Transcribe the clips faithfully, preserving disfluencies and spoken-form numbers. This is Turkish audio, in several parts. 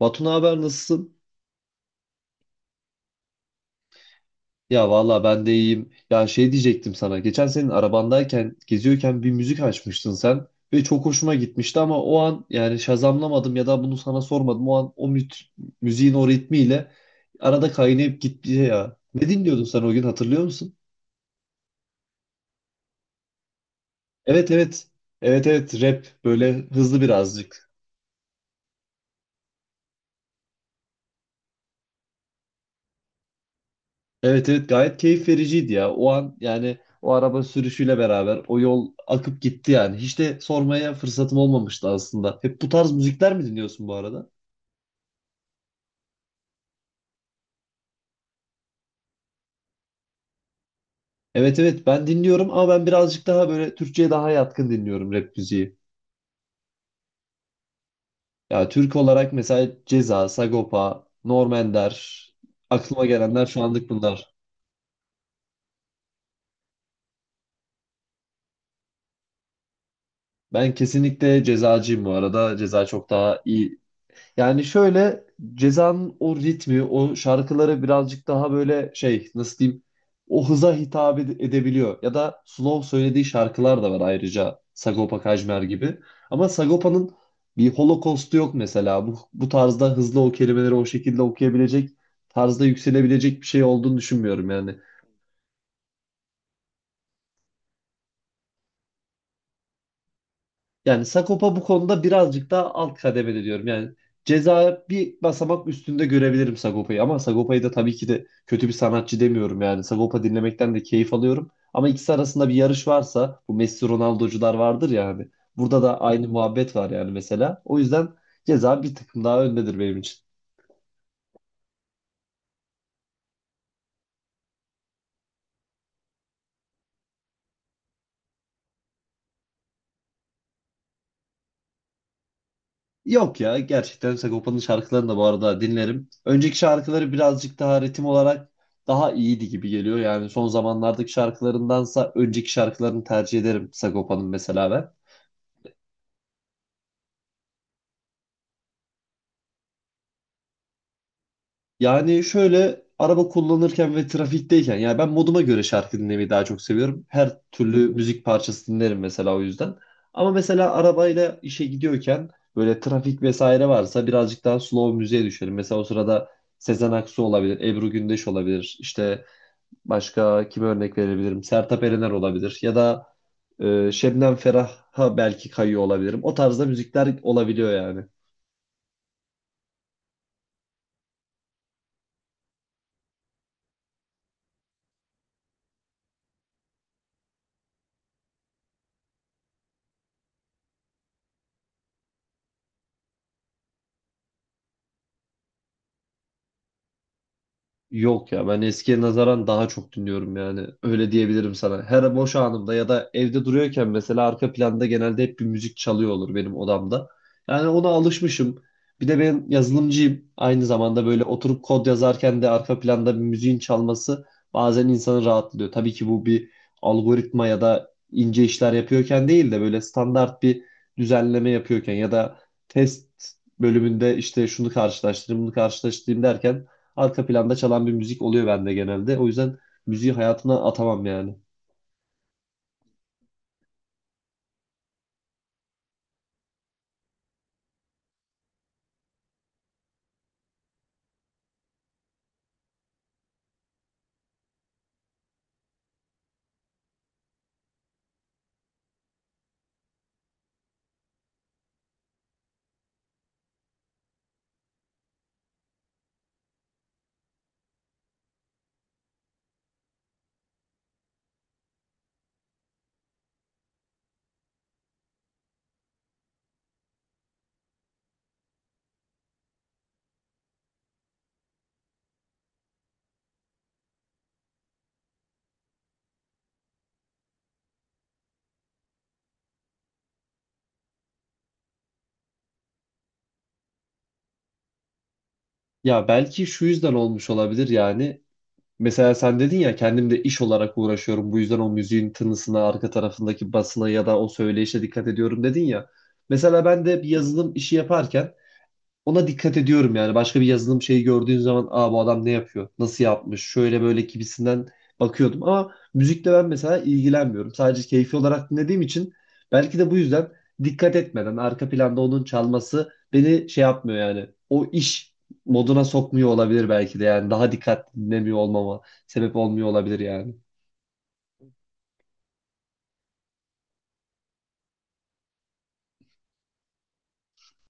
Batu, ne haber, nasılsın? Ya valla ben de iyiyim. Ya şey diyecektim sana. Geçen senin arabandayken, geziyorken bir müzik açmıştın sen ve çok hoşuma gitmişti, ama o an yani şazamlamadım ya da bunu sana sormadım. O an o müt- müziğin o ritmiyle arada kaynayıp gitti ya. Ne dinliyordun sen o gün, hatırlıyor musun? Evet, evet. Evet, evet, rap, böyle hızlı birazcık. Evet, evet, gayet keyif vericiydi ya. O an yani o araba sürüşüyle beraber o yol akıp gitti yani. Hiç de sormaya fırsatım olmamıştı aslında. Hep bu tarz müzikler mi dinliyorsun bu arada? Evet, evet, ben dinliyorum ama ben birazcık daha böyle Türkçe'ye daha yatkın dinliyorum rap müziği. Ya Türk olarak mesela Ceza, Sagopa, Norm Ender, aklıma gelenler şu anlık bunlar. Ben kesinlikle cezacıyım bu arada. Ceza çok daha iyi. Yani şöyle, Ceza'nın o ritmi, o şarkıları birazcık daha böyle şey, nasıl diyeyim, o hıza hitap ed- edebiliyor. Ya da slow söylediği şarkılar da var ayrıca Sagopa Kajmer gibi. Ama Sagopa'nın bir Holocaust'u yok mesela. Bu, bu tarzda hızlı o kelimeleri o şekilde okuyabilecek, tarzda yükselebilecek bir şey olduğunu düşünmüyorum yani. Yani Sakopa bu konuda birazcık daha alt kademede diyorum. Yani ceza bir basamak üstünde görebilirim Sagopa'yı, ama Sagopa'yı da tabii ki de kötü bir sanatçı demiyorum yani. Sagopa dinlemekten de keyif alıyorum. Ama ikisi arasında bir yarış varsa, bu Messi Ronaldo'cular vardır ya hani. Burada da aynı muhabbet var yani mesela. O yüzden ceza bir tık daha öndedir benim için. Yok ya, gerçekten Sagopa'nın şarkılarını da bu arada dinlerim. Önceki şarkıları birazcık daha ritim olarak daha iyiydi gibi geliyor. Yani son zamanlardaki şarkılarındansa önceki şarkılarını tercih ederim Sagopa'nın mesela ben. Yani şöyle, araba kullanırken ve trafikteyken yani ben moduma göre şarkı dinlemeyi daha çok seviyorum. Her türlü müzik parçası dinlerim mesela o yüzden. Ama mesela arabayla işe gidiyorken böyle trafik vesaire varsa birazcık daha slow müziğe düşerim. Mesela o sırada Sezen Aksu olabilir, Ebru Gündeş olabilir, işte başka kime örnek verebilirim? Sertab Erener olabilir. Ya da e, Şebnem Ferah'a belki kayıyor olabilirim. O tarzda müzikler olabiliyor yani. Yok ya, ben eskiye nazaran daha çok dinliyorum yani, öyle diyebilirim sana. Her boş anımda ya da evde duruyorken mesela arka planda genelde hep bir müzik çalıyor olur benim odamda. Yani ona alışmışım. Bir de ben yazılımcıyım. Aynı zamanda böyle oturup kod yazarken de arka planda bir müziğin çalması bazen insanı rahatlıyor. Tabii ki bu bir algoritma ya da ince işler yapıyorken değil de böyle standart bir düzenleme yapıyorken ya da test bölümünde işte şunu karşılaştırayım, bunu karşılaştırayım derken arka planda çalan bir müzik oluyor bende genelde. O yüzden müziği hayatına atamam yani. Ya belki şu yüzden olmuş olabilir yani. Mesela sen dedin ya, kendimde iş olarak uğraşıyorum. Bu yüzden o müziğin tınısına, arka tarafındaki basına ya da o söyleyişe dikkat ediyorum dedin ya. Mesela ben de bir yazılım işi yaparken ona dikkat ediyorum yani. Başka bir yazılım şeyi gördüğün zaman, aa, bu adam ne yapıyor? Nasıl yapmış? Şöyle böyle gibisinden bakıyordum. Ama müzikle ben mesela ilgilenmiyorum. Sadece keyfi olarak dinlediğim için belki de bu yüzden dikkat etmeden arka planda onun çalması beni şey yapmıyor yani. O iş moduna sokmuyor olabilir belki de yani. Daha dikkatli dinlemiyor olmama sebep olmuyor olabilir yani.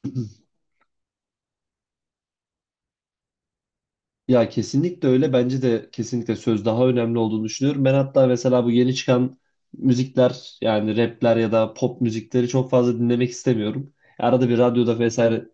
Ya, kesinlikle öyle. Bence de kesinlikle söz daha önemli olduğunu düşünüyorum. Ben hatta mesela bu yeni çıkan müzikler, yani rapler ya da pop müzikleri çok fazla dinlemek istemiyorum. Arada bir radyoda vesaire.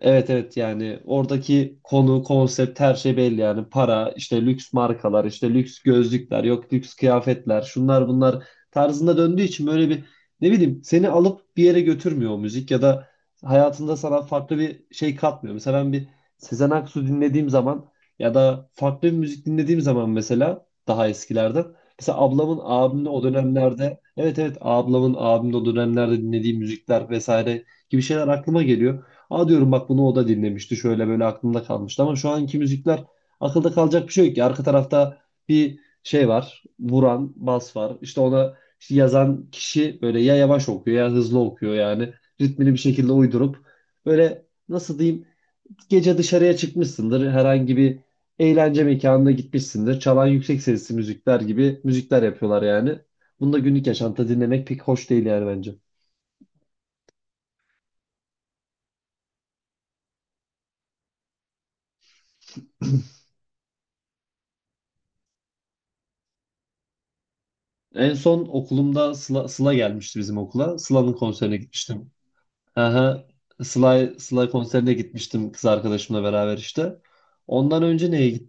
Evet, evet, yani oradaki konu, konsept, her şey belli yani: para, işte lüks markalar, işte lüks gözlükler, yok lüks kıyafetler, şunlar bunlar tarzında döndüğü için, böyle bir, ne bileyim, seni alıp bir yere götürmüyor o müzik ya da hayatında sana farklı bir şey katmıyor. Mesela ben bir Sezen Aksu dinlediğim zaman ya da farklı bir müzik dinlediğim zaman, mesela daha eskilerden, mesela ablamın abimle o dönemlerde, evet evet, ablamın abimle o dönemlerde dinlediği müzikler vesaire gibi şeyler aklıma geliyor. Aa, diyorum, bak, bunu o da dinlemişti, şöyle böyle aklımda kalmıştı. Ama şu anki müzikler, akılda kalacak bir şey yok ki. Arka tarafta bir şey var, vuran bas var, İşte ona işte yazan kişi böyle ya yavaş okuyor ya hızlı okuyor, yani ritmini bir şekilde uydurup, böyle nasıl diyeyim, gece dışarıya çıkmışsındır, herhangi bir eğlence mekanına gitmişsindir, çalan yüksek sesli müzikler gibi müzikler yapıyorlar yani. Bunu da günlük yaşantıda dinlemek pek hoş değil yani bence. En son okulumda Sıla, Sıla gelmişti bizim okula. Sıla'nın konserine gitmiştim. Aha, Sıla, Sıla konserine gitmiştim kız arkadaşımla beraber işte. Ondan önce neye,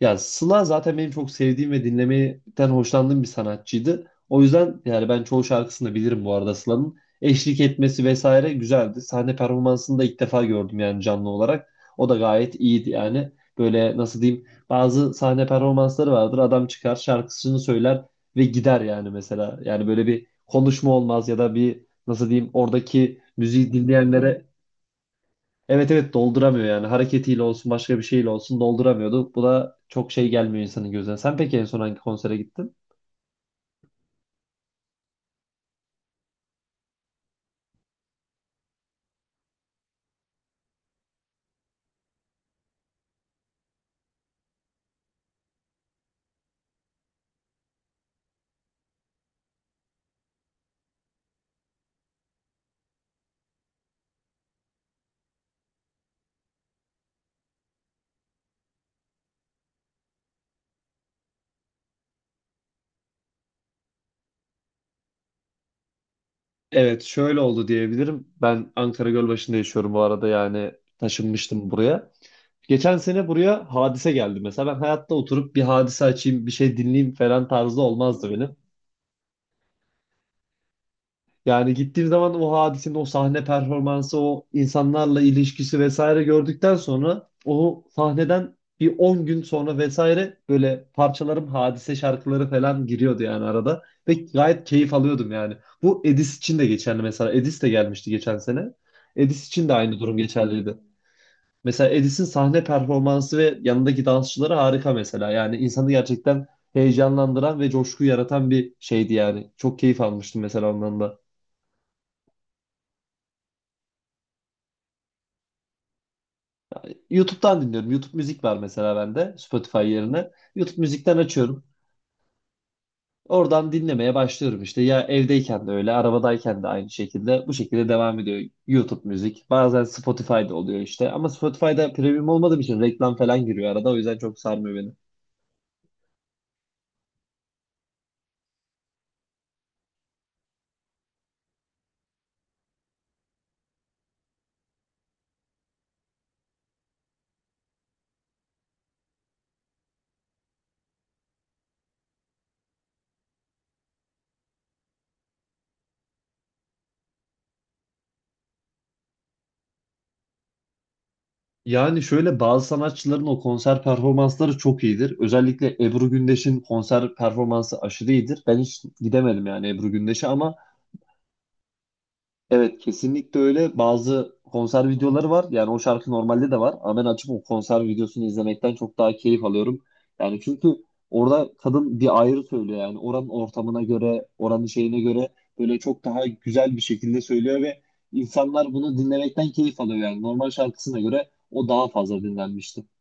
ya Sıla zaten benim çok sevdiğim ve dinlemekten hoşlandığım bir sanatçıydı. O yüzden yani ben çoğu şarkısını da bilirim bu arada Sıla'nın. Eşlik etmesi vesaire güzeldi. Sahne performansını da ilk defa gördüm yani canlı olarak. O da gayet iyiydi yani. Böyle nasıl diyeyim, bazı sahne performansları vardır. Adam çıkar, şarkısını söyler ve gider yani mesela. Yani böyle bir konuşma olmaz ya da bir, nasıl diyeyim, oradaki müziği dinleyenlere. Evet, evet, dolduramıyor yani, hareketiyle olsun, başka bir şeyle olsun dolduramıyordu. Bu da çok şey gelmiyor insanın gözüne. Sen peki en son hangi konsere gittin? Evet, şöyle oldu diyebilirim. Ben Ankara Gölbaşı'nda yaşıyorum bu arada yani, taşınmıştım buraya. Geçen sene buraya Hadise geldi mesela. Ben hayatta oturup bir Hadise açayım, bir şey dinleyeyim falan tarzı olmazdı benim. Yani gittiğim zaman o hadisenin o sahne performansı, o insanlarla ilişkisi vesaire gördükten sonra, o sahneden bir on gün sonra vesaire, böyle parçalarım, hadise şarkıları falan giriyordu yani arada. Ve gayet keyif alıyordum yani. Bu Edis için de geçerli mesela. Edis de gelmişti geçen sene. Edis için de aynı durum geçerliydi. Mesela Edis'in sahne performansı ve yanındaki dansçıları harika mesela. Yani insanı gerçekten heyecanlandıran ve coşku yaratan bir şeydi yani. Çok keyif almıştım mesela ondan da. YouTube'dan dinliyorum. YouTube müzik var mesela bende Spotify yerine. YouTube müzikten açıyorum. Oradan dinlemeye başlıyorum işte. Ya evdeyken de öyle, arabadayken de aynı şekilde. Bu şekilde devam ediyor YouTube müzik. Bazen Spotify'da oluyor işte. Ama Spotify'da premium olmadığım için reklam falan giriyor arada. O yüzden çok sarmıyor beni. Yani şöyle, bazı sanatçıların o konser performansları çok iyidir. Özellikle Ebru Gündeş'in konser performansı aşırı iyidir. Ben hiç gidemedim yani Ebru Gündeş'e, ama evet, kesinlikle öyle, bazı konser videoları var. Yani o şarkı normalde de var ama ben açıp o konser videosunu izlemekten çok daha keyif alıyorum. Yani çünkü orada kadın bir ayrı söylüyor yani, oranın ortamına göre, oranın şeyine göre böyle çok daha güzel bir şekilde söylüyor ve insanlar bunu dinlemekten keyif alıyor yani normal şarkısına göre o daha fazla dinlenmişti.